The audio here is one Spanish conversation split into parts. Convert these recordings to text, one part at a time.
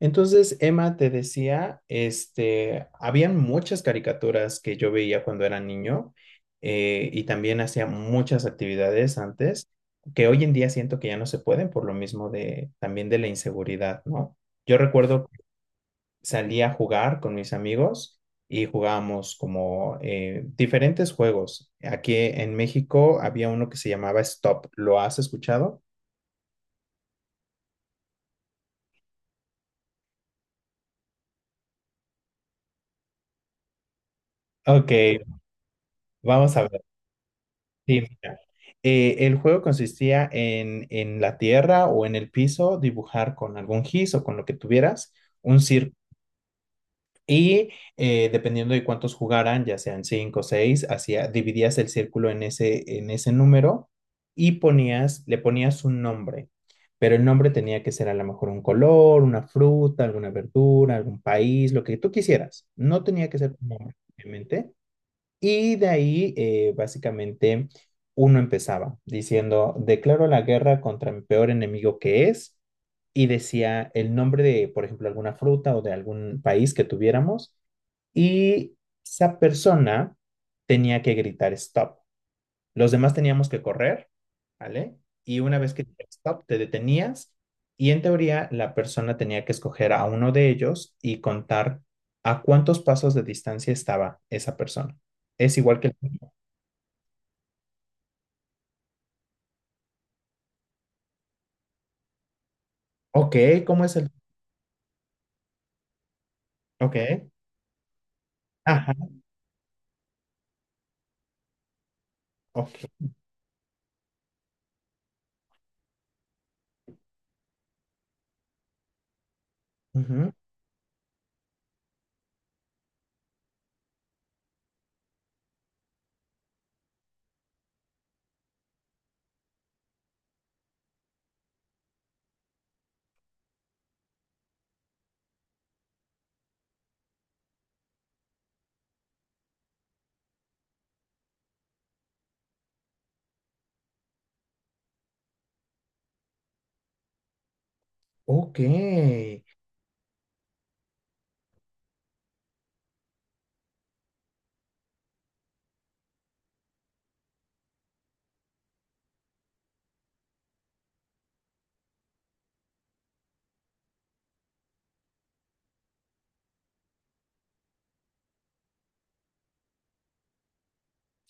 Entonces, Emma te decía, habían muchas caricaturas que yo veía cuando era niño. Y también hacía muchas actividades antes que hoy en día siento que ya no se pueden por lo mismo de también de la inseguridad, ¿no? Yo recuerdo que salía a jugar con mis amigos y jugábamos como diferentes juegos. Aquí en México había uno que se llamaba Stop. ¿Lo has escuchado? Ok, vamos a ver. Sí, mira, el juego consistía en la tierra o en el piso, dibujar con algún gis o con lo que tuvieras un círculo. Y dependiendo de cuántos jugaran, ya sean cinco o seis, dividías el círculo en ese número y le ponías un nombre. Pero el nombre tenía que ser a lo mejor un color, una fruta, alguna verdura, algún país, lo que tú quisieras. No tenía que ser tu nombre, obviamente. Y de ahí, básicamente, uno empezaba diciendo, declaro la guerra contra mi peor enemigo que es, y decía el nombre de, por ejemplo, alguna fruta o de algún país que tuviéramos, y esa persona tenía que gritar stop. Los demás teníamos que correr, ¿vale? Y una vez que stop, te detenías y en teoría la persona tenía que escoger a uno de ellos y contar a cuántos pasos de distancia estaba esa persona. Es igual que el tuyo. Ok, ¿cómo es el? Ok, ajá, ok, ujú, ok,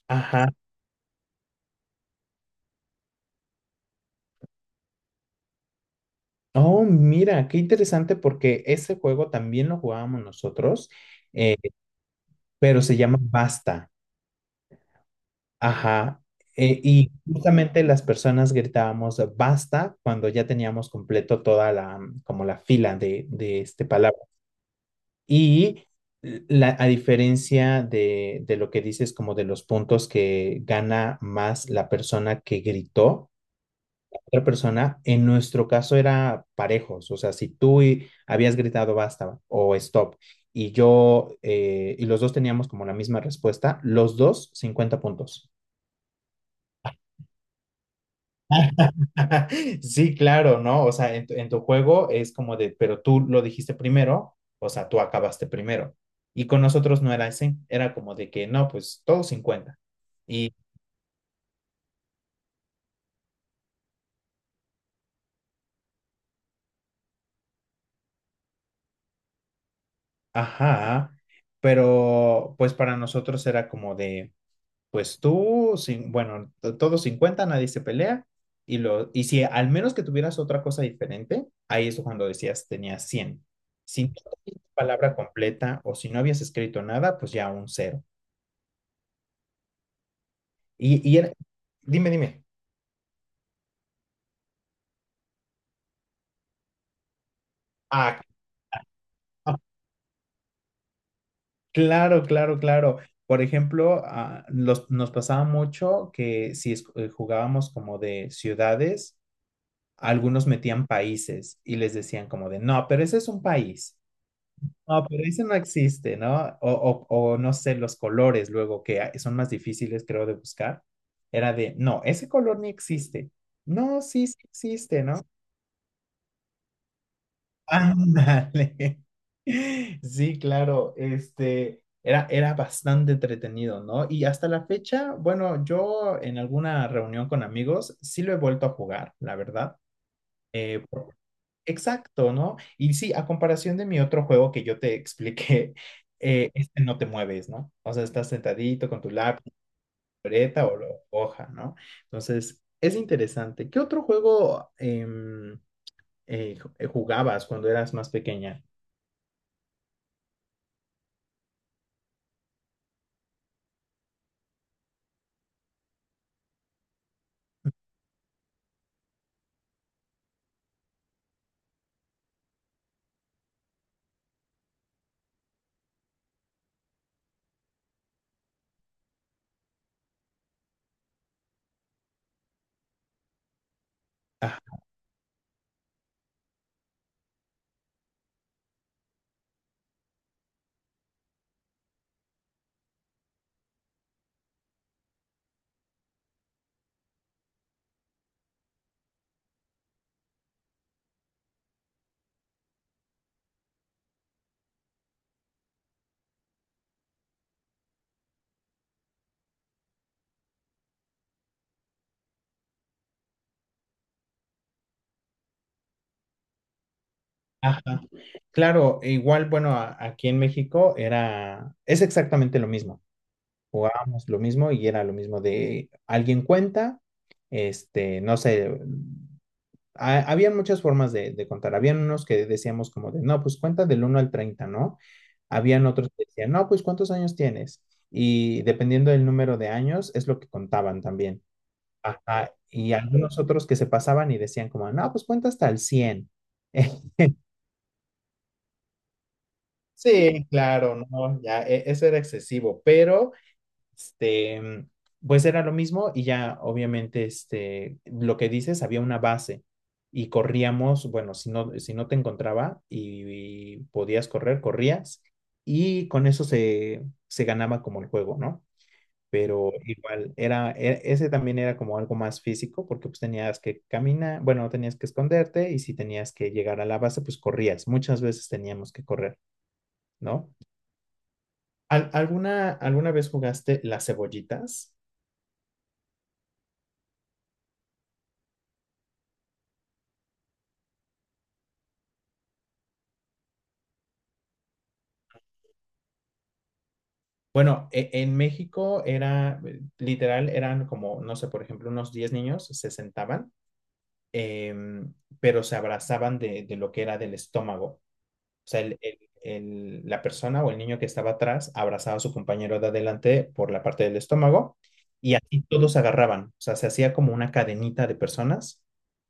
ajá. Oh, mira, qué interesante porque ese juego también lo jugábamos nosotros, eh, pero se llama Basta. Ajá. Y justamente las personas gritábamos basta cuando ya teníamos completo toda la, como la fila de este palabra. Y a diferencia de lo que dices, como de los puntos que gana más la persona que gritó otra persona, en nuestro caso era parejos. O sea, si habías gritado basta o stop y yo y los dos teníamos como la misma respuesta, los dos 50 puntos. Sí, claro, ¿no? O sea, en tu juego es como de, pero tú lo dijiste primero, o sea, tú acabaste primero. Y con nosotros no era así, era como de que no, pues todos cincuenta. Y, ajá, pero pues para nosotros era como de, pues tú, sin, bueno, todos 50, nadie se pelea. Y y si al menos que tuvieras otra cosa diferente, ahí es cuando decías tenías 100. Si no tenías palabra completa o si no habías escrito nada, pues ya un cero. Y, y era- Dime, dime. Ah, ah, claro, claro, claro. Por ejemplo, nos pasaba mucho que si jugábamos como de ciudades, algunos metían países y les decían como de, no, pero ese es un país. No, pero ese no existe, ¿no? O no sé, los colores luego que ah, son más difíciles, creo, de buscar. Era de, no, ese color ni existe. No, sí, sí existe, ¿no? Ándale. Sí, claro, este era, era bastante entretenido, ¿no? Y hasta la fecha, bueno, yo en alguna reunión con amigos sí lo he vuelto a jugar, la verdad. Eh, por- exacto, ¿no? Y sí, a comparación de mi otro juego que yo te expliqué, este no te mueves, ¿no? O sea, estás sentadito con tu lápiz, libreta o hoja, ¿no? Entonces, es interesante. ¿Qué otro juego jugabas cuando eras más pequeña? Ajá, claro, e igual, bueno, aquí en México es exactamente lo mismo, jugábamos lo mismo y era lo mismo de alguien cuenta, este, no sé, había muchas formas de contar, habían unos que decíamos como de, no, pues cuenta del uno al treinta, ¿no? Habían otros que decían, no, pues ¿cuántos años tienes? Y dependiendo del número de años es lo que contaban también. Ajá, y algunos otros que se pasaban y decían como, no, pues cuenta hasta el cien. Sí, claro, no, ya, eso era excesivo, pero, este, pues era lo mismo y ya, obviamente, este, lo que dices, había una base y corríamos, bueno, si no te encontraba y podías correr, corrías y con eso se ganaba como el juego, ¿no? Pero igual, ese también era como algo más físico porque pues tenías que caminar, bueno, tenías que esconderte y si tenías que llegar a la base, pues corrías, muchas veces teníamos que correr, ¿no? ¿Alguna vez jugaste las cebollitas? Bueno, en México era, literal, eran como, no sé, por ejemplo, unos 10 niños se sentaban, em, pero se abrazaban de lo que era del estómago. O sea, la persona o el niño que estaba atrás abrazaba a su compañero de adelante por la parte del estómago y así todos agarraban. O sea, se hacía como una cadenita de personas,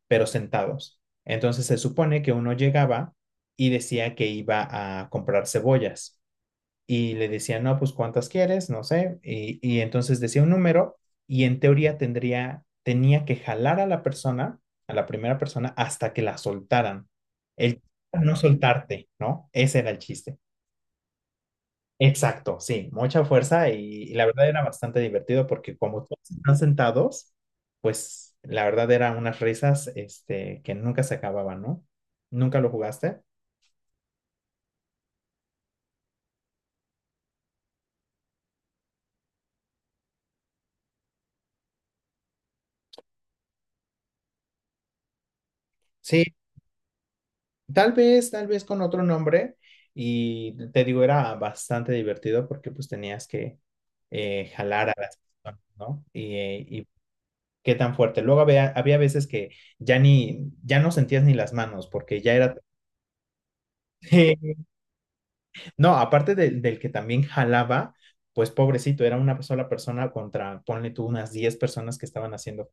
pero sentados. Entonces se supone que uno llegaba y decía que iba a comprar cebollas y le decía, no, pues cuántas quieres, no sé, y entonces decía un número y en teoría tenía que jalar a la persona, a la primera persona, hasta que la soltaran. El chiste era no soltarte, ¿no? Ese era el chiste. Exacto, sí, mucha fuerza y la verdad era bastante divertido porque como todos están sentados, pues la verdad eran unas risas este, que nunca se acababan, ¿no? ¿Nunca lo jugaste? Sí. Tal vez con otro nombre. Y te digo, era bastante divertido porque pues tenías que jalar a las personas, ¿no? Y qué tan fuerte. Luego había veces que ya no sentías ni las manos porque ya era No, aparte del que también jalaba, pues pobrecito, era una sola persona contra, ponle tú, unas 10 personas que estaban haciendo.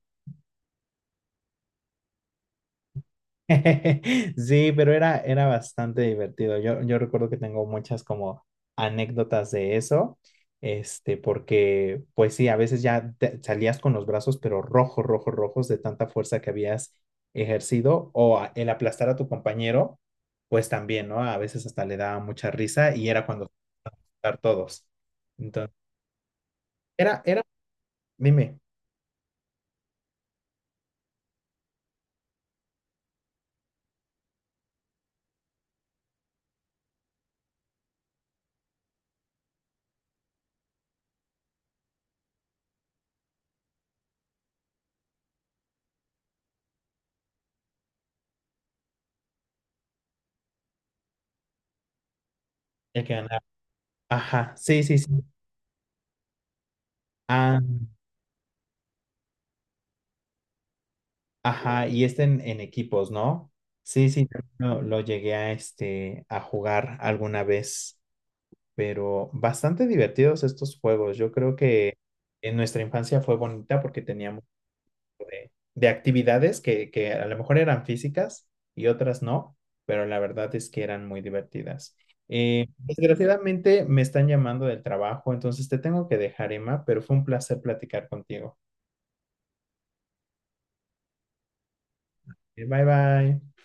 Sí, pero era bastante divertido. Yo recuerdo que tengo muchas como anécdotas de eso, este, porque pues sí, a veces ya salías con los brazos, pero rojos, rojos, rojos de tanta fuerza que habías ejercido o el aplastar a tu compañero, pues también, ¿no? A veces hasta le daba mucha risa y era cuando estar todos. Entonces, era, era, dime, el que ganaba. Ajá, sí, sí, sí. Ah, ajá, y este en equipos, ¿no? Sí, sí, también lo llegué a, este, a jugar alguna vez, pero bastante divertidos estos juegos. Yo creo que en nuestra infancia fue bonita porque teníamos de actividades que a lo mejor eran físicas y otras no, pero la verdad es que eran muy divertidas. Desgraciadamente me están llamando del trabajo, entonces te tengo que dejar, Emma, pero fue un placer platicar contigo. Bye bye.